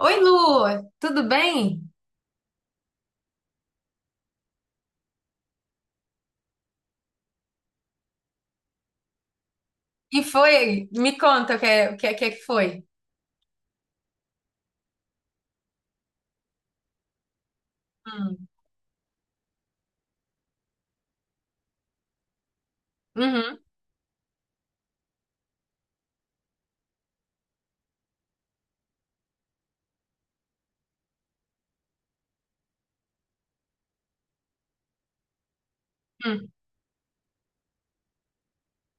Oi, Lu, tudo bem? E foi? Me conta o que é que foi. Hum. Uhum. Hum.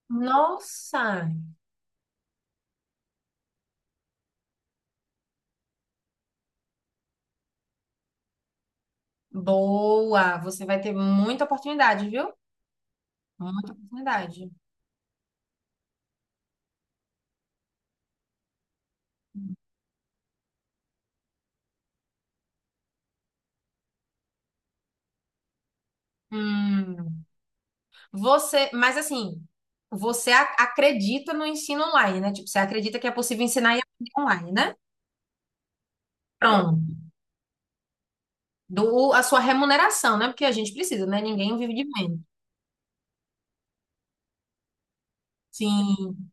Nossa, boa! Você vai ter muita oportunidade, viu? Muita oportunidade. Hum. Mas assim, você acredita no ensino online, né? Tipo, você acredita que é possível ensinar e aprender online, né? Pronto. A sua remuneração, né? Porque a gente precisa, né? Ninguém vive de menos. Sim,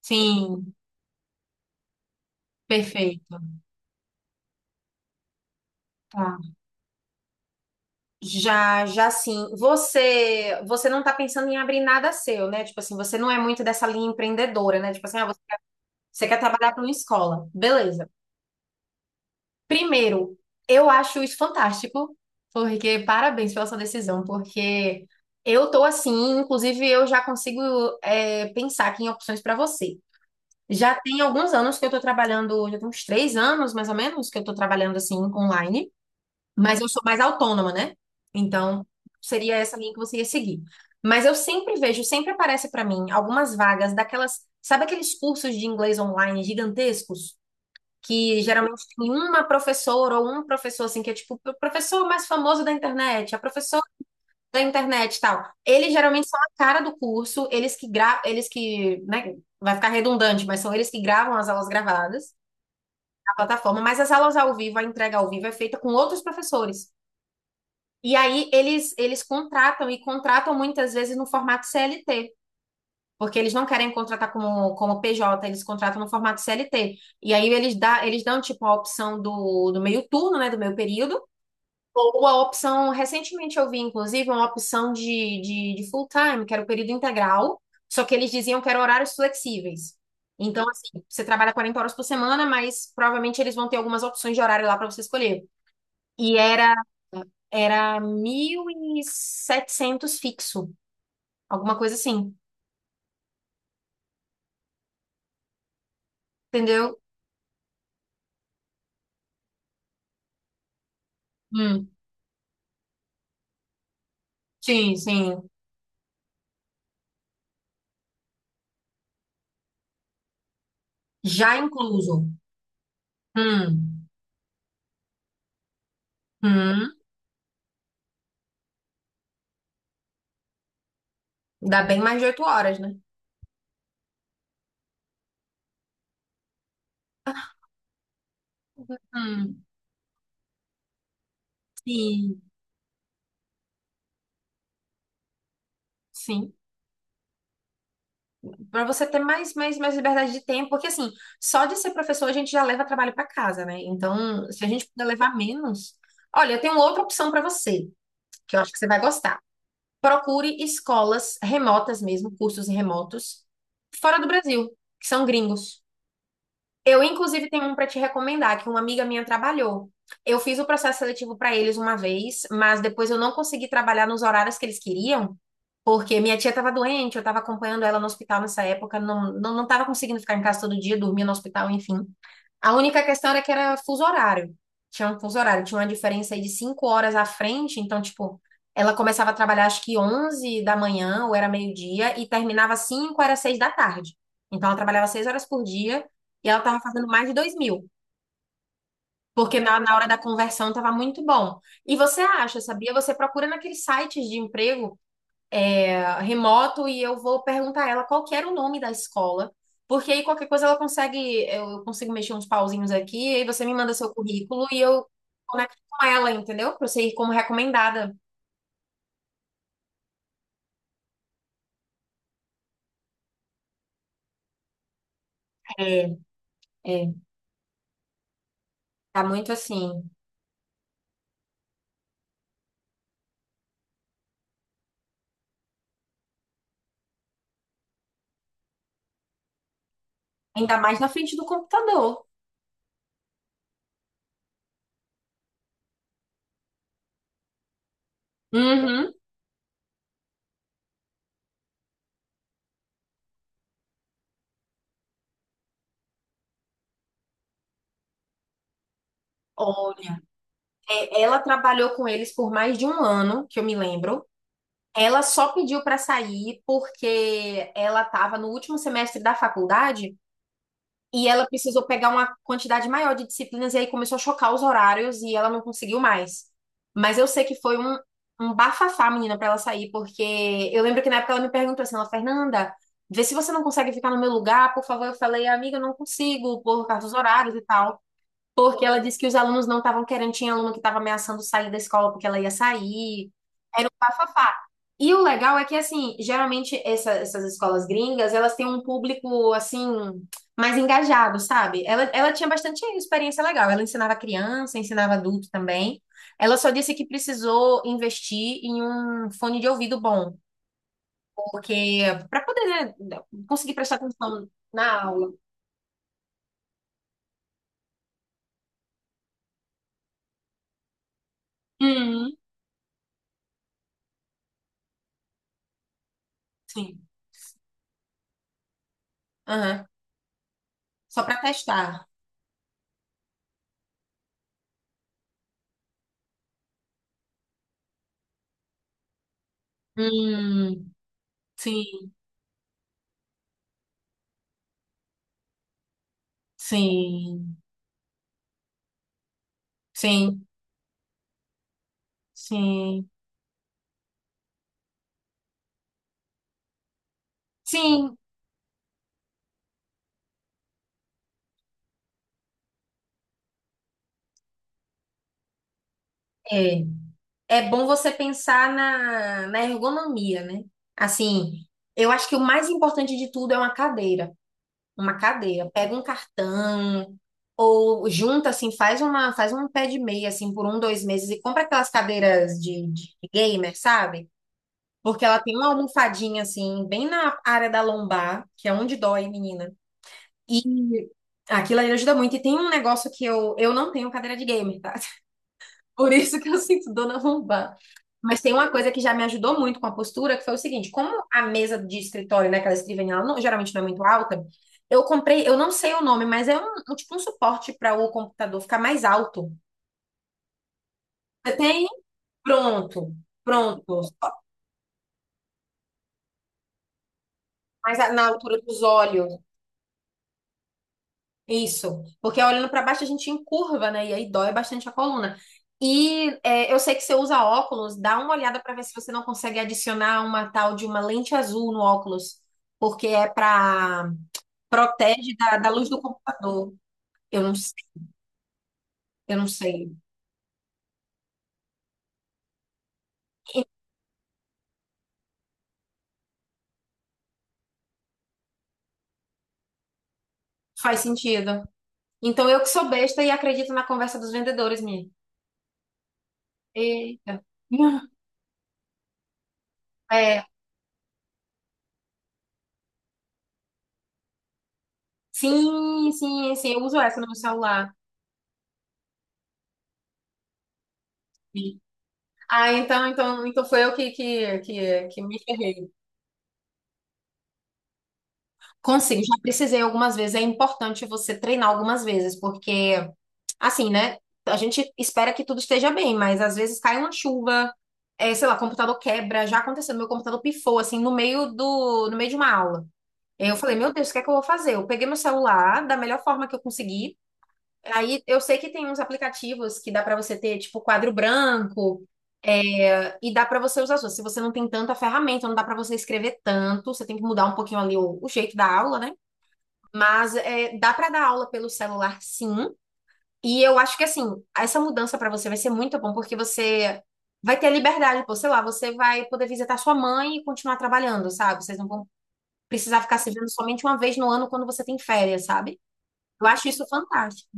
sim, perfeito. Tá. Já, já sim. Você não está pensando em abrir nada seu, né? Tipo assim, você não é muito dessa linha empreendedora, né? Tipo assim, ah, você quer trabalhar para uma escola. Beleza. Primeiro, eu acho isso fantástico, porque parabéns pela sua decisão, porque eu tô assim, inclusive eu já consigo pensar aqui em opções para você. Já tem alguns anos que eu tô trabalhando, já tem uns 3 anos mais ou menos que eu tô trabalhando assim online. Mas eu sou mais autônoma, né? Então, seria essa linha que você ia seguir. Mas eu sempre vejo, sempre aparece para mim algumas vagas daquelas, sabe aqueles cursos de inglês online gigantescos? Que geralmente tem uma professora ou um professor, assim, que é tipo o professor mais famoso da internet, a professora da internet e tal. Eles geralmente são a cara do curso, eles que, né, vai ficar redundante, mas são eles que gravam as aulas gravadas na plataforma, mas as aulas ao vivo, a entrega ao vivo é feita com outros professores. E aí eles contratam e contratam muitas vezes no formato CLT, porque eles não querem contratar como PJ, eles contratam no formato CLT. E aí eles dão tipo a opção do meio turno, né, do meio período, ou a opção, recentemente eu vi inclusive uma opção de full time, que era o período integral, só que eles diziam que eram horários flexíveis. Então, assim, você trabalha 40 horas por semana, mas provavelmente eles vão ter algumas opções de horário lá para você escolher. E era 1.700 fixo, alguma coisa assim, entendeu? Hum, sim, sim. Já incluso. Hum, hum. Dá bem mais de 8 horas, né? Hum, sim, sim. Para você ter mais, mais, mais liberdade de tempo, porque assim, só de ser professor a gente já leva trabalho para casa, né? Então, se a gente puder levar menos. Olha, eu tenho outra opção para você, que eu acho que você vai gostar. Procure escolas remotas mesmo, cursos remotos, fora do Brasil, que são gringos. Eu, inclusive, tenho um para te recomendar, que uma amiga minha trabalhou. Eu fiz o processo seletivo para eles uma vez, mas depois eu não consegui trabalhar nos horários que eles queriam, porque minha tia estava doente, eu estava acompanhando ela no hospital nessa época, não, não, não estava conseguindo ficar em casa todo dia, dormia no hospital, enfim. A única questão era que era fuso horário. Tinha um fuso horário, tinha uma diferença aí de 5 horas à frente, então, tipo, ela começava a trabalhar acho que 11 da manhã, ou era meio-dia, e terminava 5 era 6 da tarde. Então, ela trabalhava 6 horas por dia, e ela tava fazendo mais de 2.000, porque na hora da conversão tava muito bom. E você acha, sabia? Você procura naqueles sites de emprego, remoto e eu vou perguntar a ela qual que era o nome da escola, porque aí qualquer coisa ela consegue, eu consigo mexer uns pauzinhos aqui, aí você me manda seu currículo e eu conecto com ela, entendeu? Pra você ir como recomendada. É, é, tá muito assim, ainda mais na frente do computador. Uhum. Olha, ela trabalhou com eles por mais de um ano, que eu me lembro. Ela só pediu para sair porque ela estava no último semestre da faculdade e ela precisou pegar uma quantidade maior de disciplinas e aí começou a chocar os horários e ela não conseguiu mais. Mas eu sei que foi um bafafá, menina, pra ela sair, porque eu lembro que na época ela me perguntou assim, ela, Fernanda, vê se você não consegue ficar no meu lugar, por favor. Eu falei, amiga, eu não consigo, por causa dos horários e tal. Porque ela disse que os alunos não estavam querendo, tinha aluno que estava ameaçando sair da escola porque ela ia sair. Era um bafafá. E o legal é que, assim, geralmente essas escolas gringas, elas têm um público, assim, mais engajado, sabe? Ela tinha bastante experiência legal. Ela ensinava criança, ensinava adulto também. Ela só disse que precisou investir em um fone de ouvido bom, porque para poder, né, conseguir prestar atenção na aula. Uhum. Sim. Aham. Só para testar. Hum, sim, sim, sim, sim, sim, é. É bom você pensar na ergonomia, né? Assim, eu acho que o mais importante de tudo é uma cadeira. Uma cadeira. Pega um cartão ou junta, assim, faz um pé de meia, assim, por um, 2 meses e compra aquelas cadeiras de gamer, sabe? Porque ela tem uma almofadinha, assim, bem na área da lombar, que é onde dói, menina. Aquilo ali ajuda muito. E tem um negócio que eu não tenho cadeira de gamer, tá? Por isso que eu sinto dor na lombar. Mas tem uma coisa que já me ajudou muito com a postura, que foi o seguinte: como a mesa de escritório, né, aquela escrivaninha, ela não- geralmente não é muito alta, eu comprei, eu não sei o nome, mas é um tipo um suporte para o computador ficar mais alto. Você tem? Pronto, pronto. Mas na altura dos olhos. Isso, porque olhando para baixo a gente encurva, né? E aí dói bastante a coluna. E eu sei que você usa óculos, dá uma olhada para ver se você não consegue adicionar uma tal de uma lente azul no óculos, porque é para protege da luz do computador. Eu não sei, eu não sei. Faz sentido. Então eu que sou besta e acredito na conversa dos vendedores, minha. Eita. É, sim, sim, sim, eu uso essa no meu celular. Sim. Ah, então, então, então foi eu que me ferrei. Consigo, já precisei algumas vezes. É importante você treinar algumas vezes, porque, assim, né? A gente espera que tudo esteja bem, mas às vezes cai uma chuva, sei lá, computador quebra. Já aconteceu, meu computador pifou, assim, no meio de uma aula. Eu falei, meu Deus, o que é que eu vou fazer? Eu peguei meu celular da melhor forma que eu consegui. Aí eu sei que tem uns aplicativos que dá pra você ter, tipo, quadro branco, e dá pra você usar as suas. Se você não tem tanta ferramenta, não dá pra você escrever tanto, você tem que mudar um pouquinho ali o jeito da aula, né? Mas dá para dar aula pelo celular, sim. E eu acho que assim, essa mudança para você vai ser muito bom, porque você vai ter liberdade, pô, sei lá, você vai poder visitar sua mãe e continuar trabalhando, sabe? Vocês não vão precisar ficar se vendo somente uma vez no ano quando você tem férias, sabe? Eu acho isso fantástico.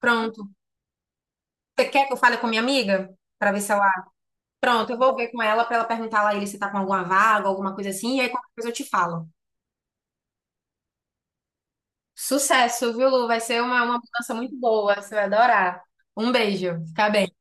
Pronto. Você quer que eu fale com minha amiga? Pra ver se ela. Pronto, eu vou ver com ela pra ela perguntar lá ele se tá com alguma vaga, alguma coisa assim, e aí qualquer coisa eu te falo. Sucesso, viu, Lu? Vai ser uma mudança muito boa, você vai adorar. Um beijo, fica bem.